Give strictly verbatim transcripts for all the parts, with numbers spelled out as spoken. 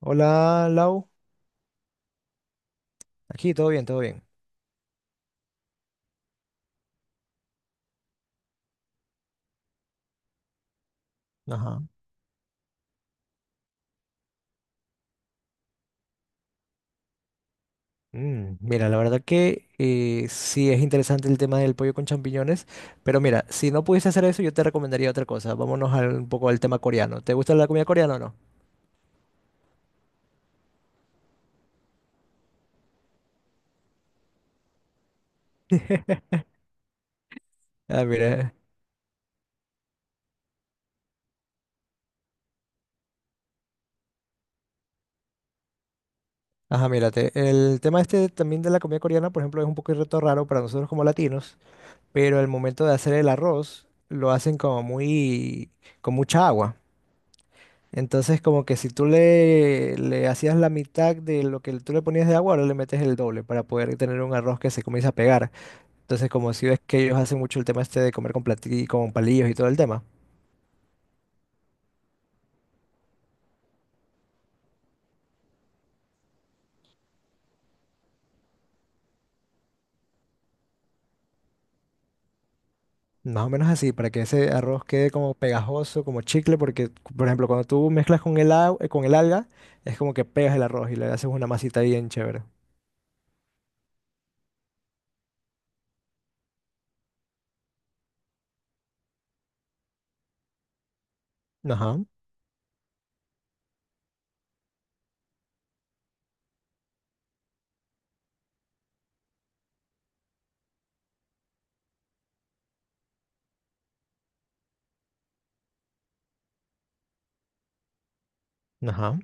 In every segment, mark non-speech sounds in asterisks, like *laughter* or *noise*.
Hola, Lau. Aquí todo bien, todo bien. Ajá. Mm, mira, la verdad que eh, sí es interesante el tema del pollo con champiñones, pero mira, si no pudiese hacer eso, yo te recomendaría otra cosa. Vámonos al- un poco al tema coreano. ¿Te gusta la comida coreana o no? *laughs* Ah, mira. Ajá, mírate. El tema este también de la comida coreana, por ejemplo, es un poco reto raro para nosotros como latinos, pero al momento de hacer el arroz, lo hacen como muy, con mucha agua. Entonces, como que si tú le, le hacías la mitad de lo que tú le ponías de agua, ahora le metes el doble para poder tener un arroz que se comienza a pegar. Entonces, como si ves que ellos hacen mucho el tema este de comer con plati- con palillos y todo el tema. Más o menos así, para que ese arroz quede como pegajoso, como chicle, porque, por ejemplo, cuando tú mezclas con el agua, eh, con el alga, es como que pegas el arroz y le haces una masita bien chévere. Ajá, ajá.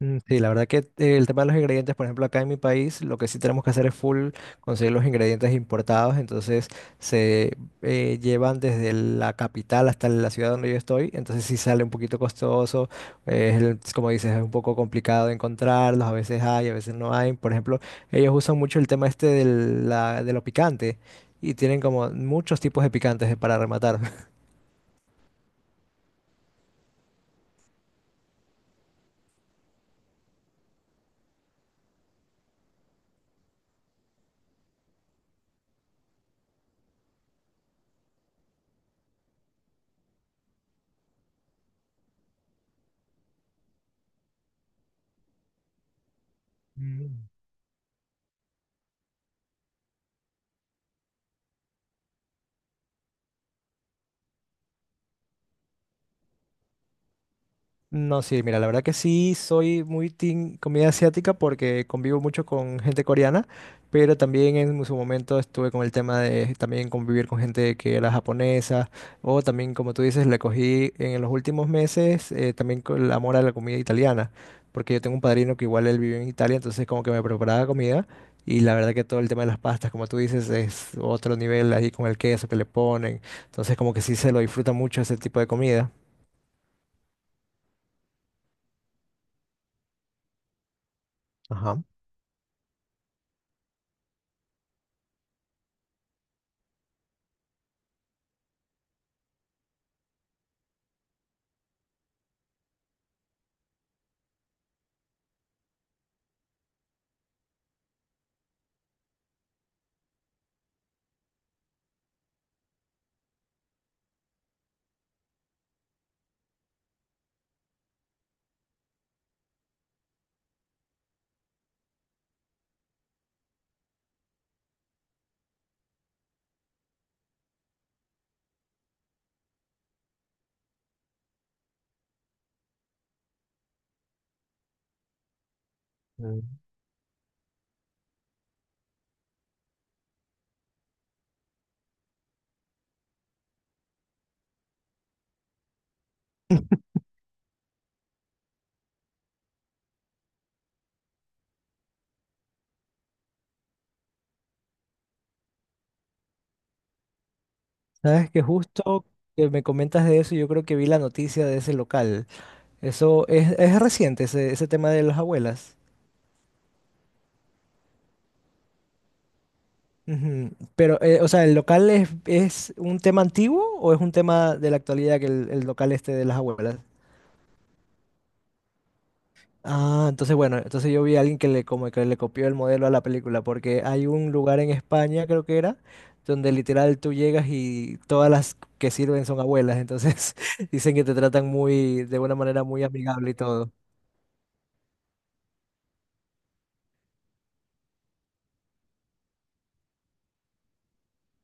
Mm, Sí, la verdad que eh, el tema de los ingredientes, por ejemplo, acá en mi país, lo que sí tenemos que hacer es full conseguir los ingredientes importados, entonces se eh, llevan desde la capital hasta la ciudad donde yo estoy, entonces sí sale un poquito costoso, eh, es el- como dices, es un poco complicado de encontrarlos, a veces hay, a veces no hay, por ejemplo, ellos usan mucho el tema este del- la- de lo picante y tienen como muchos tipos de picantes eh, para rematar. *laughs* No, sí, mira, la verdad que sí soy muy team comida asiática porque convivo mucho con gente coreana, pero también en su momento estuve con el tema de también convivir con gente que era japonesa, o también, como tú dices, le cogí en los últimos meses eh, también con el amor a la comida italiana, porque yo tengo un padrino que igual él vive en Italia, entonces como que me preparaba comida y la verdad que todo el tema de las pastas, como tú dices, es otro nivel ahí con el queso que le ponen, entonces como que sí se lo disfruta mucho ese tipo de comida. Ajá. Mm. Sabes que justo que me comentas de eso, yo creo que vi la noticia de ese local. Eso es, es reciente, ese, ese tema de las abuelas. Ujú. Pero, eh, o sea, ¿el local es, es un tema antiguo o es un tema de la actualidad que el, el local este de las abuelas? Ah, entonces bueno, entonces yo vi a alguien que le, como que le copió el modelo a la película, porque hay un lugar en España, creo que era, donde literal tú llegas y todas las que sirven son abuelas, entonces *laughs* dicen que te tratan muy, de una manera muy amigable y todo.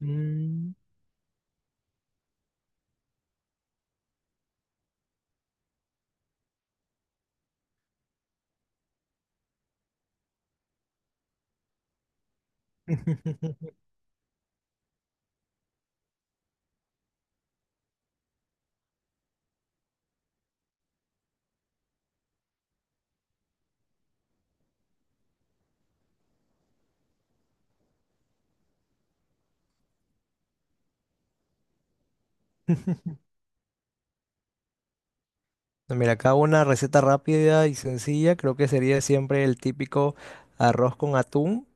Mm. *laughs* No, mira, acá una receta rápida y sencilla, creo que sería siempre el típico arroz con atún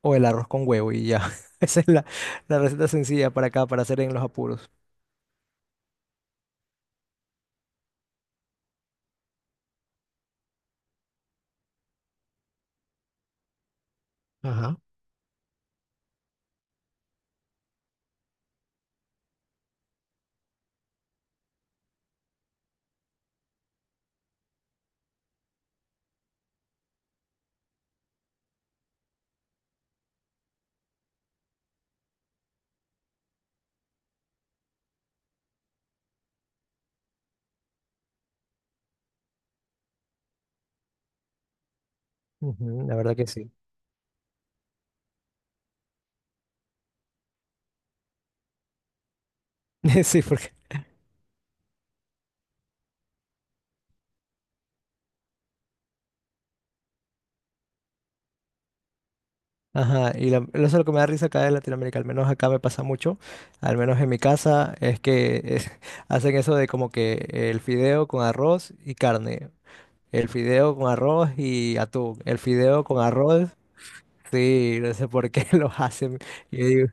o el arroz con huevo y ya. *laughs* Esa es la, la receta sencilla para acá, para hacer en los apuros. Ajá. Ujú, la verdad que sí. *laughs* Sí, porque... Ajá, y la- eso es lo que me da risa acá en Latinoamérica, al menos acá me pasa mucho, al menos en mi casa, es que es- *laughs* hacen eso de como que el fideo con arroz y carne, el fideo con arroz y atún, el fideo con arroz. Sí, no sé por qué *laughs* los hacen. Y Yo digo,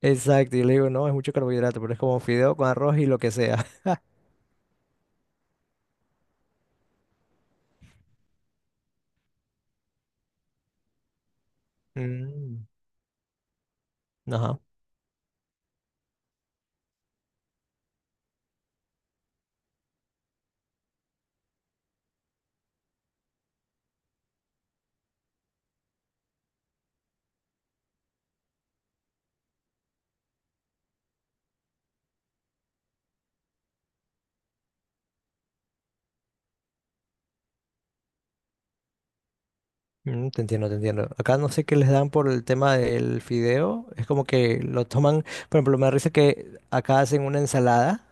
exacto, y le digo, no, es mucho carbohidrato, pero es como fideo con arroz y lo que sea. *laughs* Mm, ajá, mm, te entiendo, te entiendo. Acá no sé qué les dan por el tema del fideo, es como que lo toman, por ejemplo, me da risa que acá hacen una ensalada,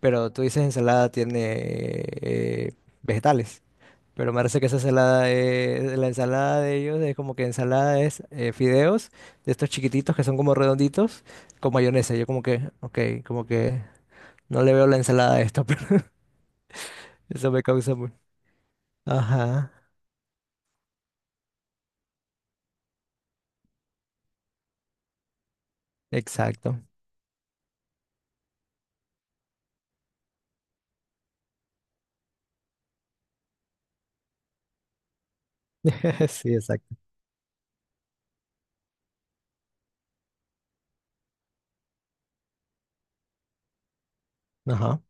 pero tú dices ensalada tiene eh, vegetales. Pero me parece que esa ensalada, es- la ensalada de ellos es como que ensalada es eh, fideos de estos chiquititos que son como redonditos con mayonesa. Yo como que, ok, como que no le veo la ensalada a esto, *laughs* pero eso me causa muy... Ajá, exacto. *laughs* Sí, exacto. Ajá.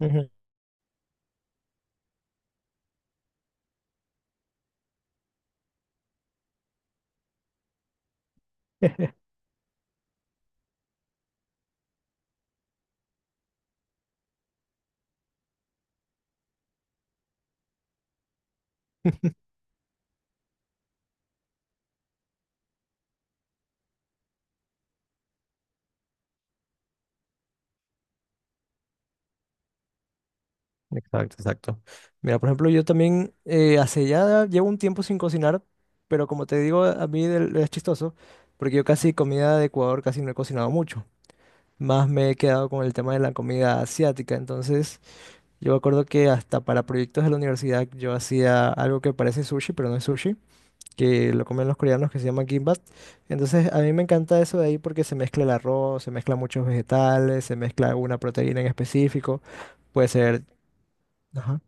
Ujú. *laughs* Exacto, exacto. Mira, por ejemplo, yo también eh, hace ya llevo un tiempo sin cocinar, pero como te digo, a mí del- es chistoso, porque yo casi comida de Ecuador casi no he cocinado mucho. Más me he quedado con el tema de la comida asiática. Entonces, yo me acuerdo que hasta para proyectos de la universidad yo hacía algo que parece sushi, pero no es sushi, que lo comen los coreanos que se llama kimbap. Entonces, a mí me encanta eso de ahí porque se mezcla el arroz, se mezclan muchos vegetales, se mezcla una proteína en específico. Puede ser... Ajá.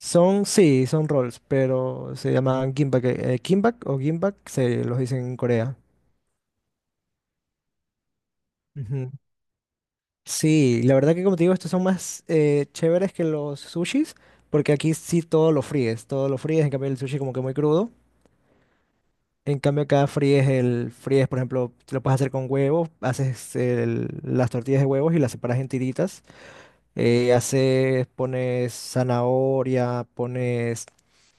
Son, sí, son rolls, pero se llaman gimbap, eh, gimbap o gimbap, se los dicen en Corea. Ujú. Sí, la verdad que como te digo, estos son más eh, chéveres que los sushis, porque aquí sí todo lo fríes, todo lo fríes, en cambio el sushi como que muy crudo. En cambio acá fríes el, fríes, por ejemplo, te lo puedes hacer con huevos, haces el- las tortillas de huevos y las separas en tiritas, eh, haces, pones zanahoria, pones,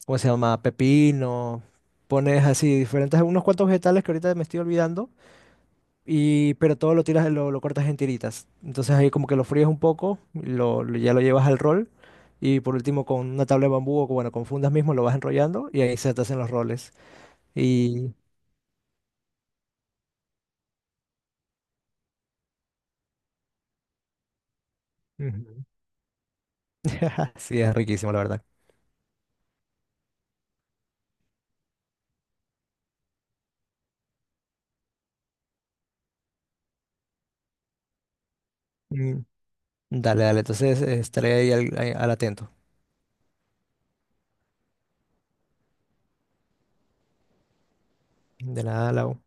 ¿cómo se llama? Pepino, pones así diferentes, unos cuantos vegetales que ahorita me estoy olvidando y, pero todo lo tiras, lo, lo cortas en tiritas. Entonces ahí como que lo fríes un poco, lo, lo- ya lo llevas al rol. Y por último con una tabla de bambú o con- bueno, con fundas mismo lo vas enrollando y ahí se te hacen los roles. Y... Ujú. *laughs* Sí, es riquísimo, la verdad. Mm, Dale, dale. Entonces eh, estaré ahí al, ahí al atento. De nada, Lau.